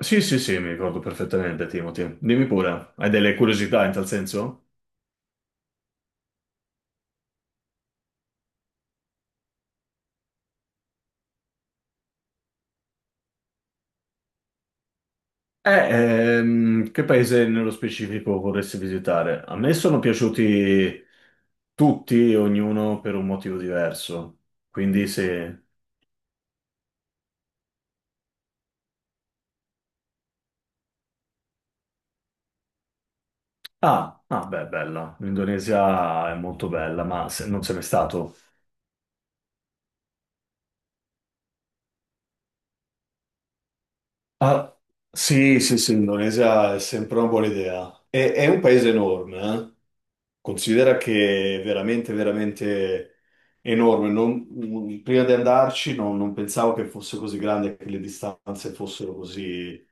Sì, sì, sì, mi ricordo perfettamente, Timothy. Dimmi pure, hai delle curiosità in tal senso? Che paese nello specifico vorresti visitare? A me sono piaciuti tutti, ognuno per un motivo diverso. Quindi se... Ah, ah, beh, bella. L'Indonesia è molto bella, ma non sei mai stato? Ah, sì, sì, sì, l'Indonesia è sempre una buona idea. È un paese enorme, eh. Considera che è veramente, veramente enorme. Prima di andarci non pensavo che fosse così grande, che le distanze fossero così,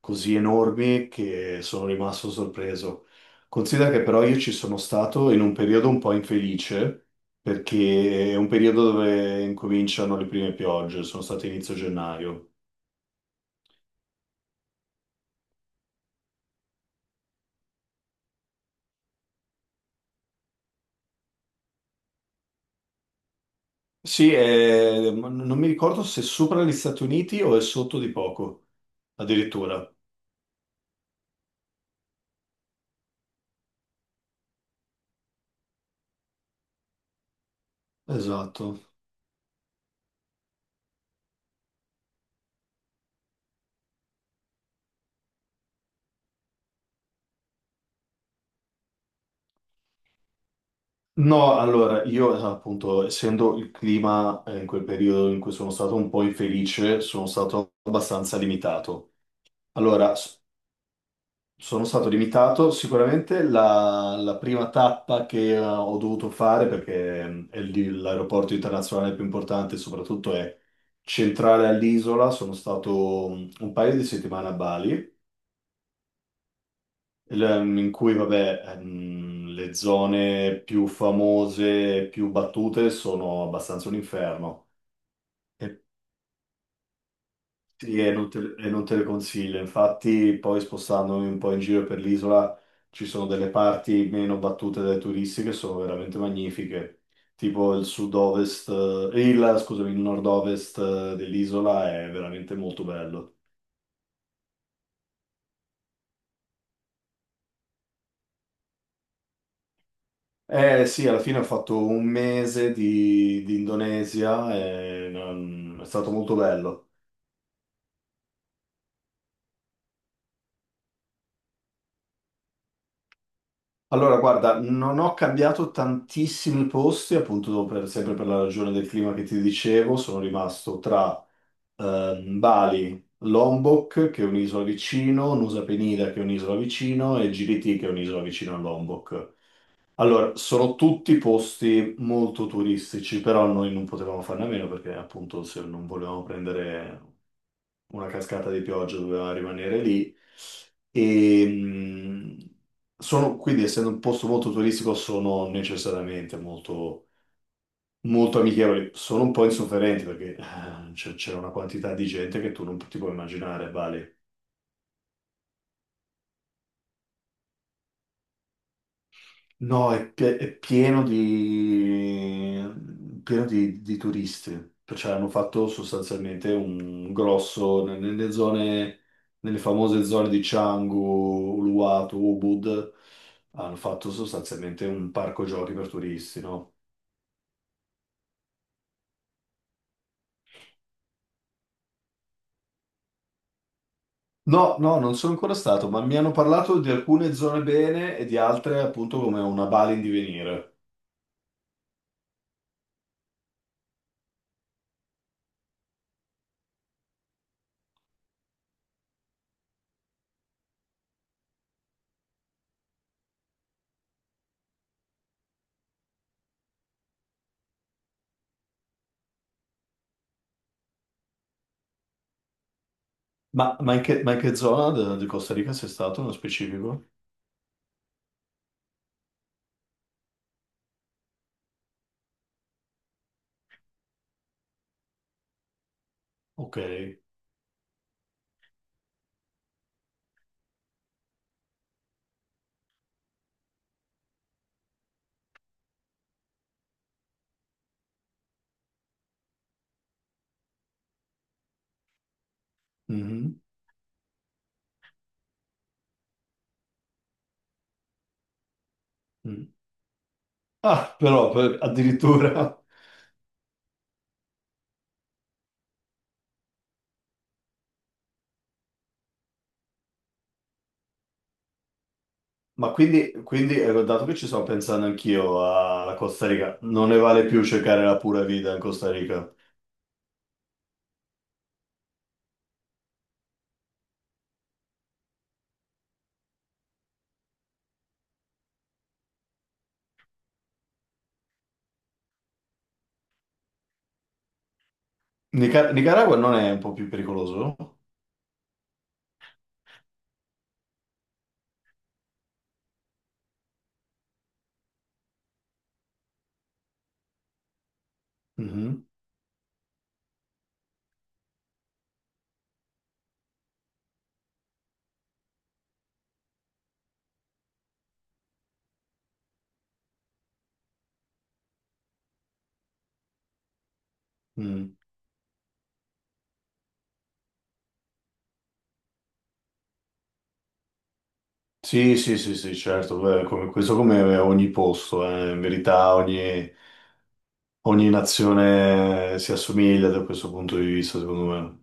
così enormi che sono rimasto sorpreso. Considera che però io ci sono stato in un periodo un po' infelice, perché è un periodo dove incominciano le prime piogge, sono stato inizio gennaio. Sì, non mi ricordo se sopra gli Stati Uniti o è sotto di poco, addirittura. Esatto. No, allora, io appunto, essendo il clima in quel periodo in cui sono stato un po' infelice, sono stato abbastanza limitato. Allora, sono stato limitato sicuramente la, la prima tappa che ho dovuto fare, perché è lì l'aeroporto internazionale più importante, soprattutto è centrale all'isola, sono stato un paio di settimane a Bali. In cui vabbè, le zone più famose, più battute sono abbastanza un inferno e, sì, e non te le consiglio. Infatti, poi spostandomi un po' in giro per l'isola, ci sono delle parti meno battute dai turisti che sono veramente magnifiche, tipo il sud-ovest, scusami, il nord-ovest dell'isola è veramente molto bello. Eh sì, alla fine ho fatto un mese di Indonesia e è stato molto bello. Allora, guarda, non ho cambiato tantissimi posti, appunto sempre per la ragione del clima che ti dicevo, sono rimasto tra Bali, Lombok, che è un'isola vicino, Nusa Penida, che è un'isola vicino, e Giriti, che è un'isola vicino a Lombok. Allora, sono tutti posti molto turistici, però noi non potevamo farne a meno perché appunto se non volevamo prendere una cascata di pioggia doveva rimanere lì. E, mh, Sono, quindi, essendo un posto molto turistico, sono necessariamente molto, molto amichevoli. Sono un po' insofferenti perché c'era una quantità di gente che tu non ti puoi immaginare, vale. No, è pieno pieno di turisti, cioè hanno fatto sostanzialmente un grosso, nelle zone, nelle famose zone di Canggu, Uluwatu, Ubud, hanno fatto sostanzialmente un parco giochi per turisti, no? No, no, non sono ancora stato, ma mi hanno parlato di alcune zone bene e di altre appunto come una Bali in divenire. Ma in che zona di Costa Rica sei stato nello specifico? Ok. Mhm. Ah, però addirittura. Ma quindi, dato che ci sto pensando anch'io alla Costa Rica, non ne vale più cercare la pura vita in Costa Rica. Nicaragua non è un po' più pericoloso? Mhm, mm. Sì, sì, sì, sì, certo, beh, questo come ogni posto, in verità ogni, ogni nazione si assomiglia da questo punto di vista, secondo me.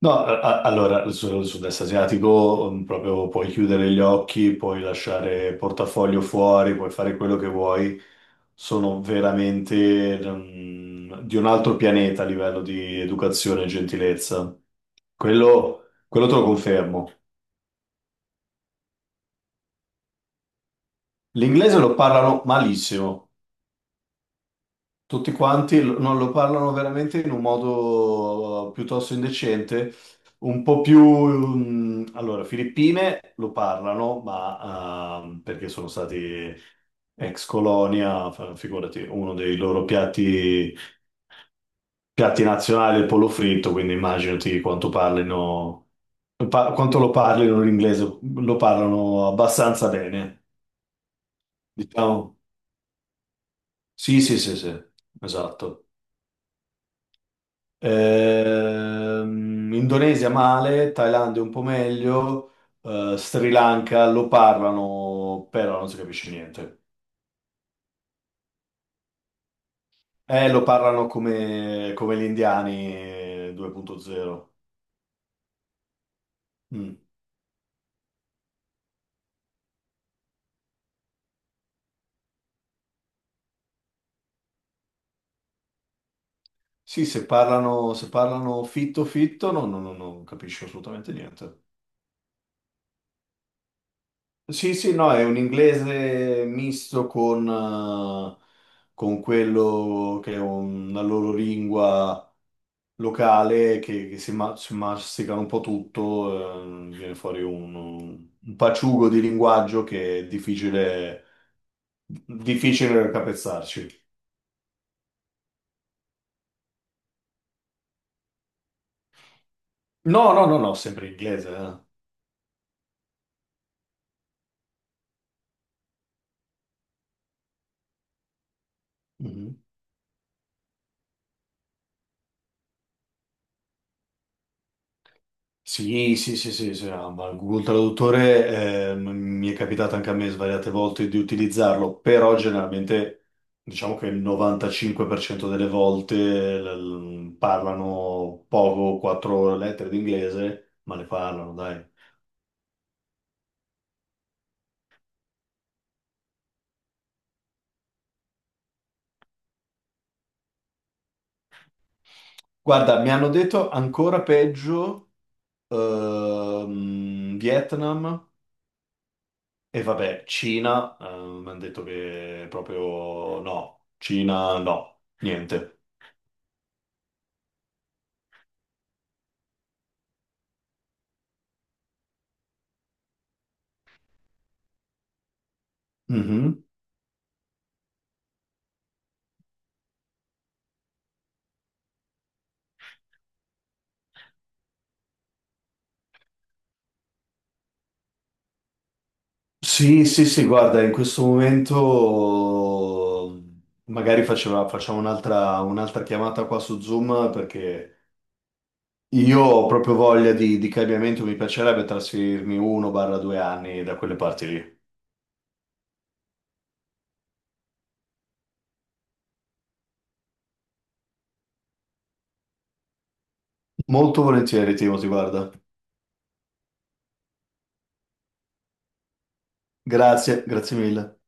No, allora sul sud-est asiatico proprio puoi chiudere gli occhi, puoi lasciare il portafoglio fuori, puoi fare quello che vuoi. Sono veramente di un altro pianeta a livello di educazione e gentilezza. Quello te lo confermo. L'inglese lo parlano malissimo. Tutti quanti non lo parlano veramente in un modo piuttosto indecente, un po' più... allora, Filippine lo parlano, ma perché sono stati ex colonia, figurati, uno dei loro piatti, piatti nazionali è il pollo fritto, quindi immaginati quanto parlino, quanto lo parlino l'inglese, lo parlano abbastanza bene, diciamo. Sì, sì, sì, sì, esatto. Indonesia male, Thailandia un po' meglio, Sri Lanka lo parlano, però non si capisce niente. Lo parlano come, come gli indiani 2.0. Mm. Sì, se parlano, se parlano fitto fitto, no, no, no, non capisco assolutamente niente. Sì, sì, no, è un inglese misto con quello che è una loro lingua locale che, si masticano un po' tutto, viene fuori un paciugo di linguaggio che è difficile, difficile capezzarci. No, no, no, no, sempre in inglese. Mhm. Sì, sì, sì, sì, sì, no, ma Google Traduttore mi è capitato anche a me svariate volte di utilizzarlo, però generalmente diciamo che il 95% delle volte parlano poco, quattro lettere d'inglese, ma le parlano, dai. Guarda, mi hanno detto ancora peggio, Vietnam e vabbè, Cina, mi hanno detto che proprio no, Cina no, niente. Mhm. Sì, sì, sì, guarda, in questo momento magari facciamo un'altra chiamata qua su Zoom perché io ho proprio voglia di cambiamento, mi piacerebbe trasferirmi 1/2 anni da quelle parti lì. Molto volentieri, Timo, ti guarda. Grazie, grazie mille.